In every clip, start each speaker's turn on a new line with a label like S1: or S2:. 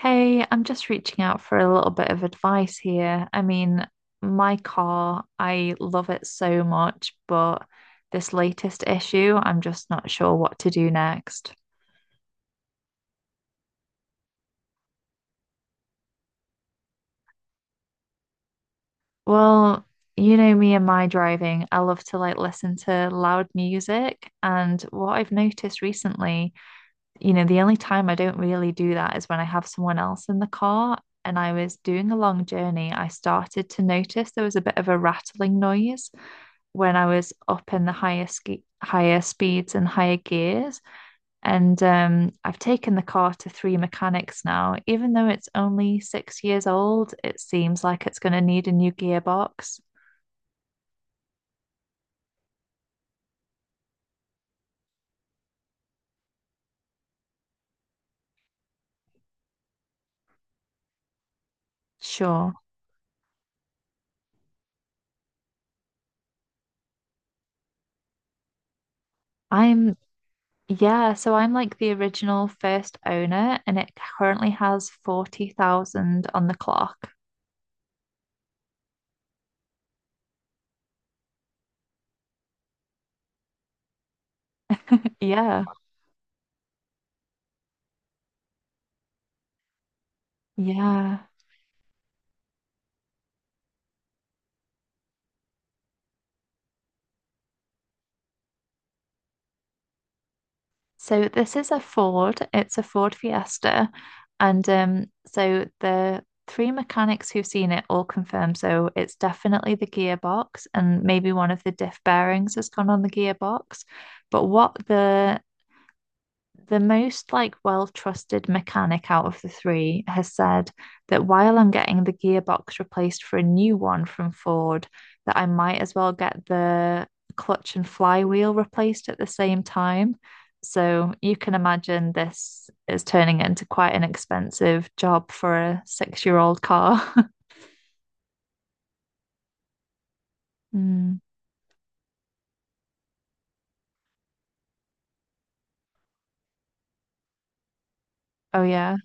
S1: Hey, I'm just reaching out for a little bit of advice here. I mean, my car, I love it so much, but this latest issue, I'm just not sure what to do next. Well, you know me and my driving, I love to like listen to loud music. And what I've noticed recently, you know, the only time I don't really do that is when I have someone else in the car. And I was doing a long journey, I started to notice there was a bit of a rattling noise when I was up in the higher ski higher speeds and higher gears. And I've taken the car to three mechanics now. Even though it's only 6 years old, it seems like it's going to need a new gearbox. Sure. I'm, yeah, so I'm like the original first owner, and it currently has 40,000 on the clock. Yeah. Yeah. So this is a Ford. It's a Ford Fiesta. And so the three mechanics who've seen it all confirm. So it's definitely the gearbox, and maybe one of the diff bearings has gone on the gearbox. But what the most like well-trusted mechanic out of the three has said that while I'm getting the gearbox replaced for a new one from Ford, that I might as well get the clutch and flywheel replaced at the same time. So you can imagine this is turning into quite an expensive job for a six-year-old car. Mm. Oh yeah.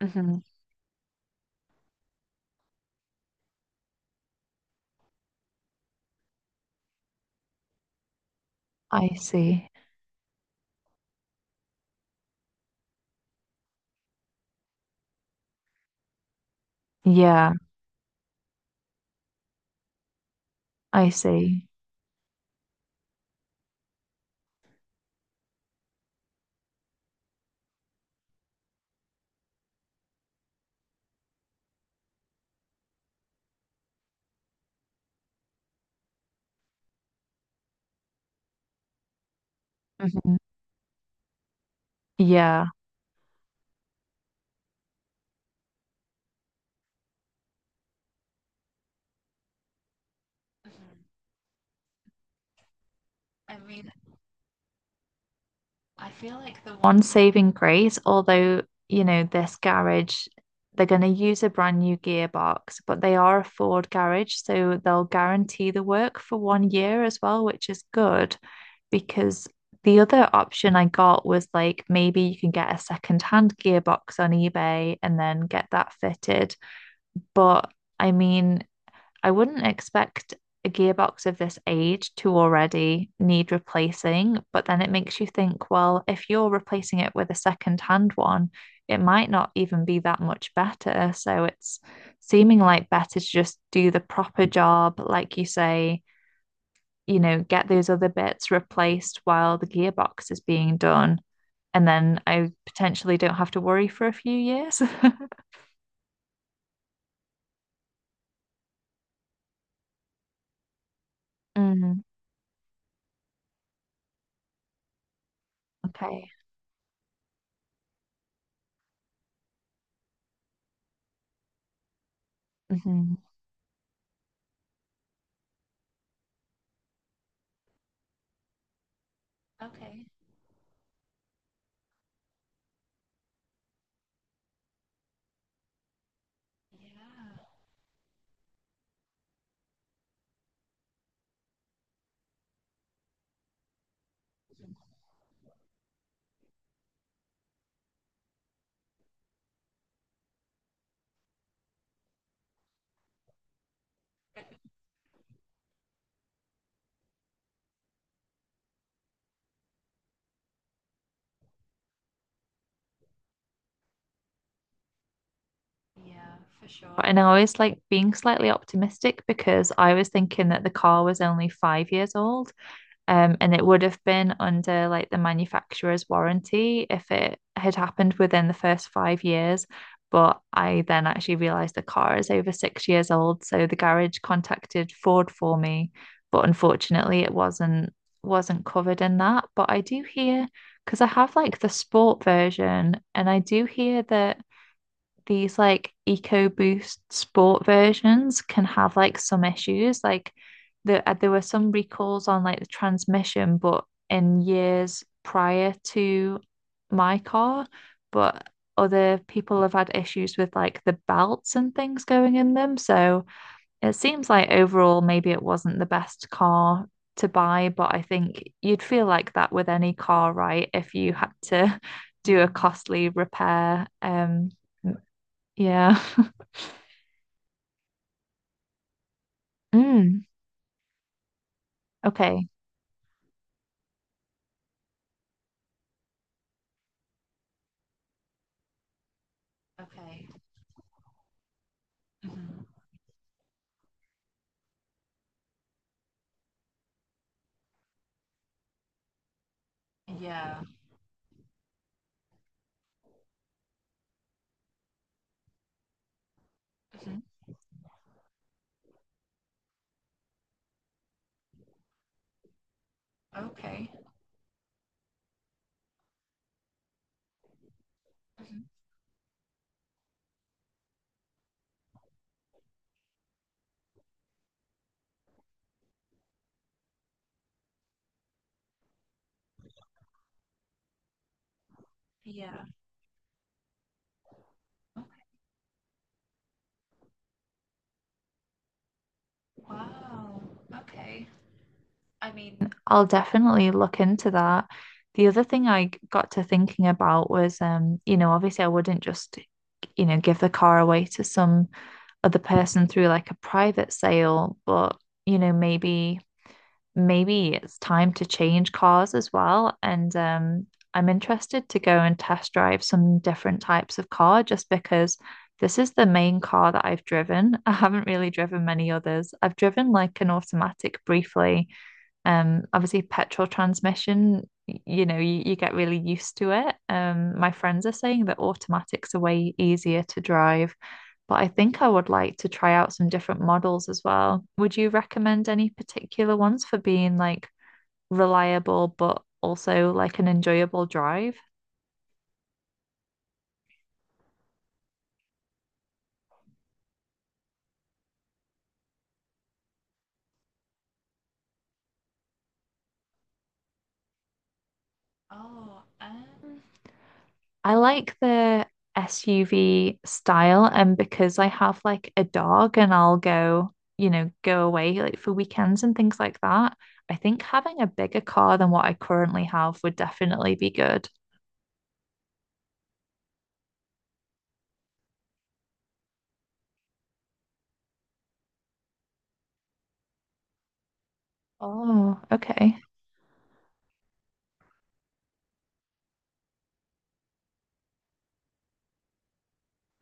S1: Hmm. I see. Yeah, I see. Hmm. Yeah. Mhm. I mean, I feel like the one saving grace, although, you know, this garage, they're going to use a brand new gearbox, but they are a Ford garage, so they'll guarantee the work for 1 year as well, which is good because the other option I got was like maybe you can get a second-hand gearbox on eBay and then get that fitted. But I mean, I wouldn't expect a gearbox of this age to already need replacing, but then it makes you think, well, if you're replacing it with a second-hand one, it might not even be that much better. So it's seeming like better to just do the proper job, like you say, you know, get those other bits replaced while the gearbox is being done. And then I potentially don't have to worry for a few years. Mm, okay. Mhm. Okay. Yeah. Yeah, for sure. And I was like being slightly optimistic because I was thinking that the car was only 5 years old, and it would have been under like the manufacturer's warranty if it had happened within the first 5 years. But I then actually realized the car is over 6 years old, so the garage contacted Ford for me, but unfortunately it wasn't covered in that. But I do hear because I have like the sport version, and I do hear that these like EcoBoost sport versions can have like some issues. Like there were some recalls on like the transmission, but in years prior to my car, but other people have had issues with like the belts and things going in them. So it seems like overall, maybe it wasn't the best car to buy, but I think you'd feel like that with any car, right? If you had to do a costly repair. Yeah. Mm, okay. Okay. Mhm. Yeah. Mhm. Okay. Mhm. Yeah. Okay. Wow. Okay. I mean, I'll definitely look into that. The other thing got to thinking about was, you know, obviously I wouldn't just, you know, give the car away to some other person through like a private sale, but, you know, maybe it's time to change cars as well. And I'm interested to go and test drive some different types of car just because this is the main car that I've driven. I haven't really driven many others. I've driven like an automatic briefly, obviously, petrol transmission, you know, you get really used to it. My friends are saying that automatics are way easier to drive, but I think I would like to try out some different models as well. Would you recommend any particular ones for being like reliable, but also like an enjoyable drive? Oh, um, I like the SUV style, and because I have like a dog and I'll go, you know, go away like for weekends and things like that, I think having a bigger car than what I currently have would definitely be good. Oh, okay.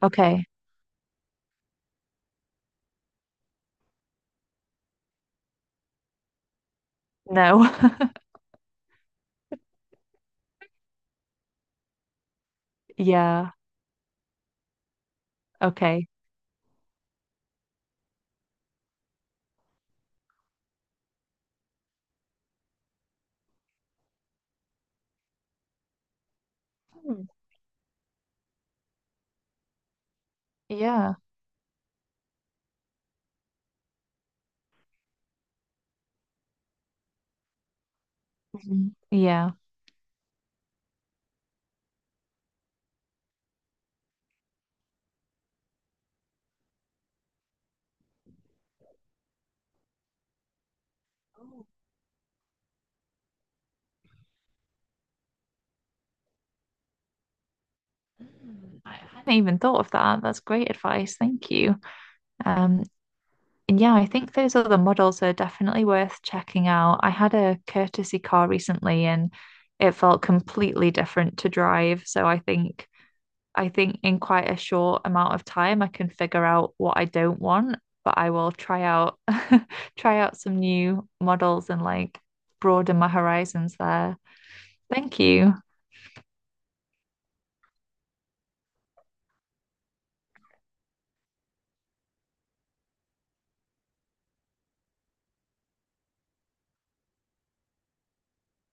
S1: Okay. No. Yeah. Okay. Hmm. Yeah. Mhm. Yeah. Oh. Mm, I hadn't even thought of that. That's great advice. Thank you. Um, And yeah, I think those other models are definitely worth checking out. I had a courtesy car recently and it felt completely different to drive. So I think in quite a short amount of time I can figure out what I don't want, but I will try out try out some new models and like broaden my horizons there. Thank you.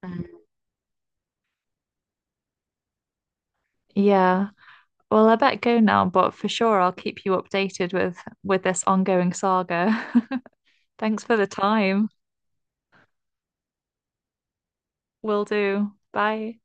S1: Mm. Yeah. Well, I bet go now, but for sure I'll keep you updated with this ongoing saga. Thanks for the time. Will do. Bye.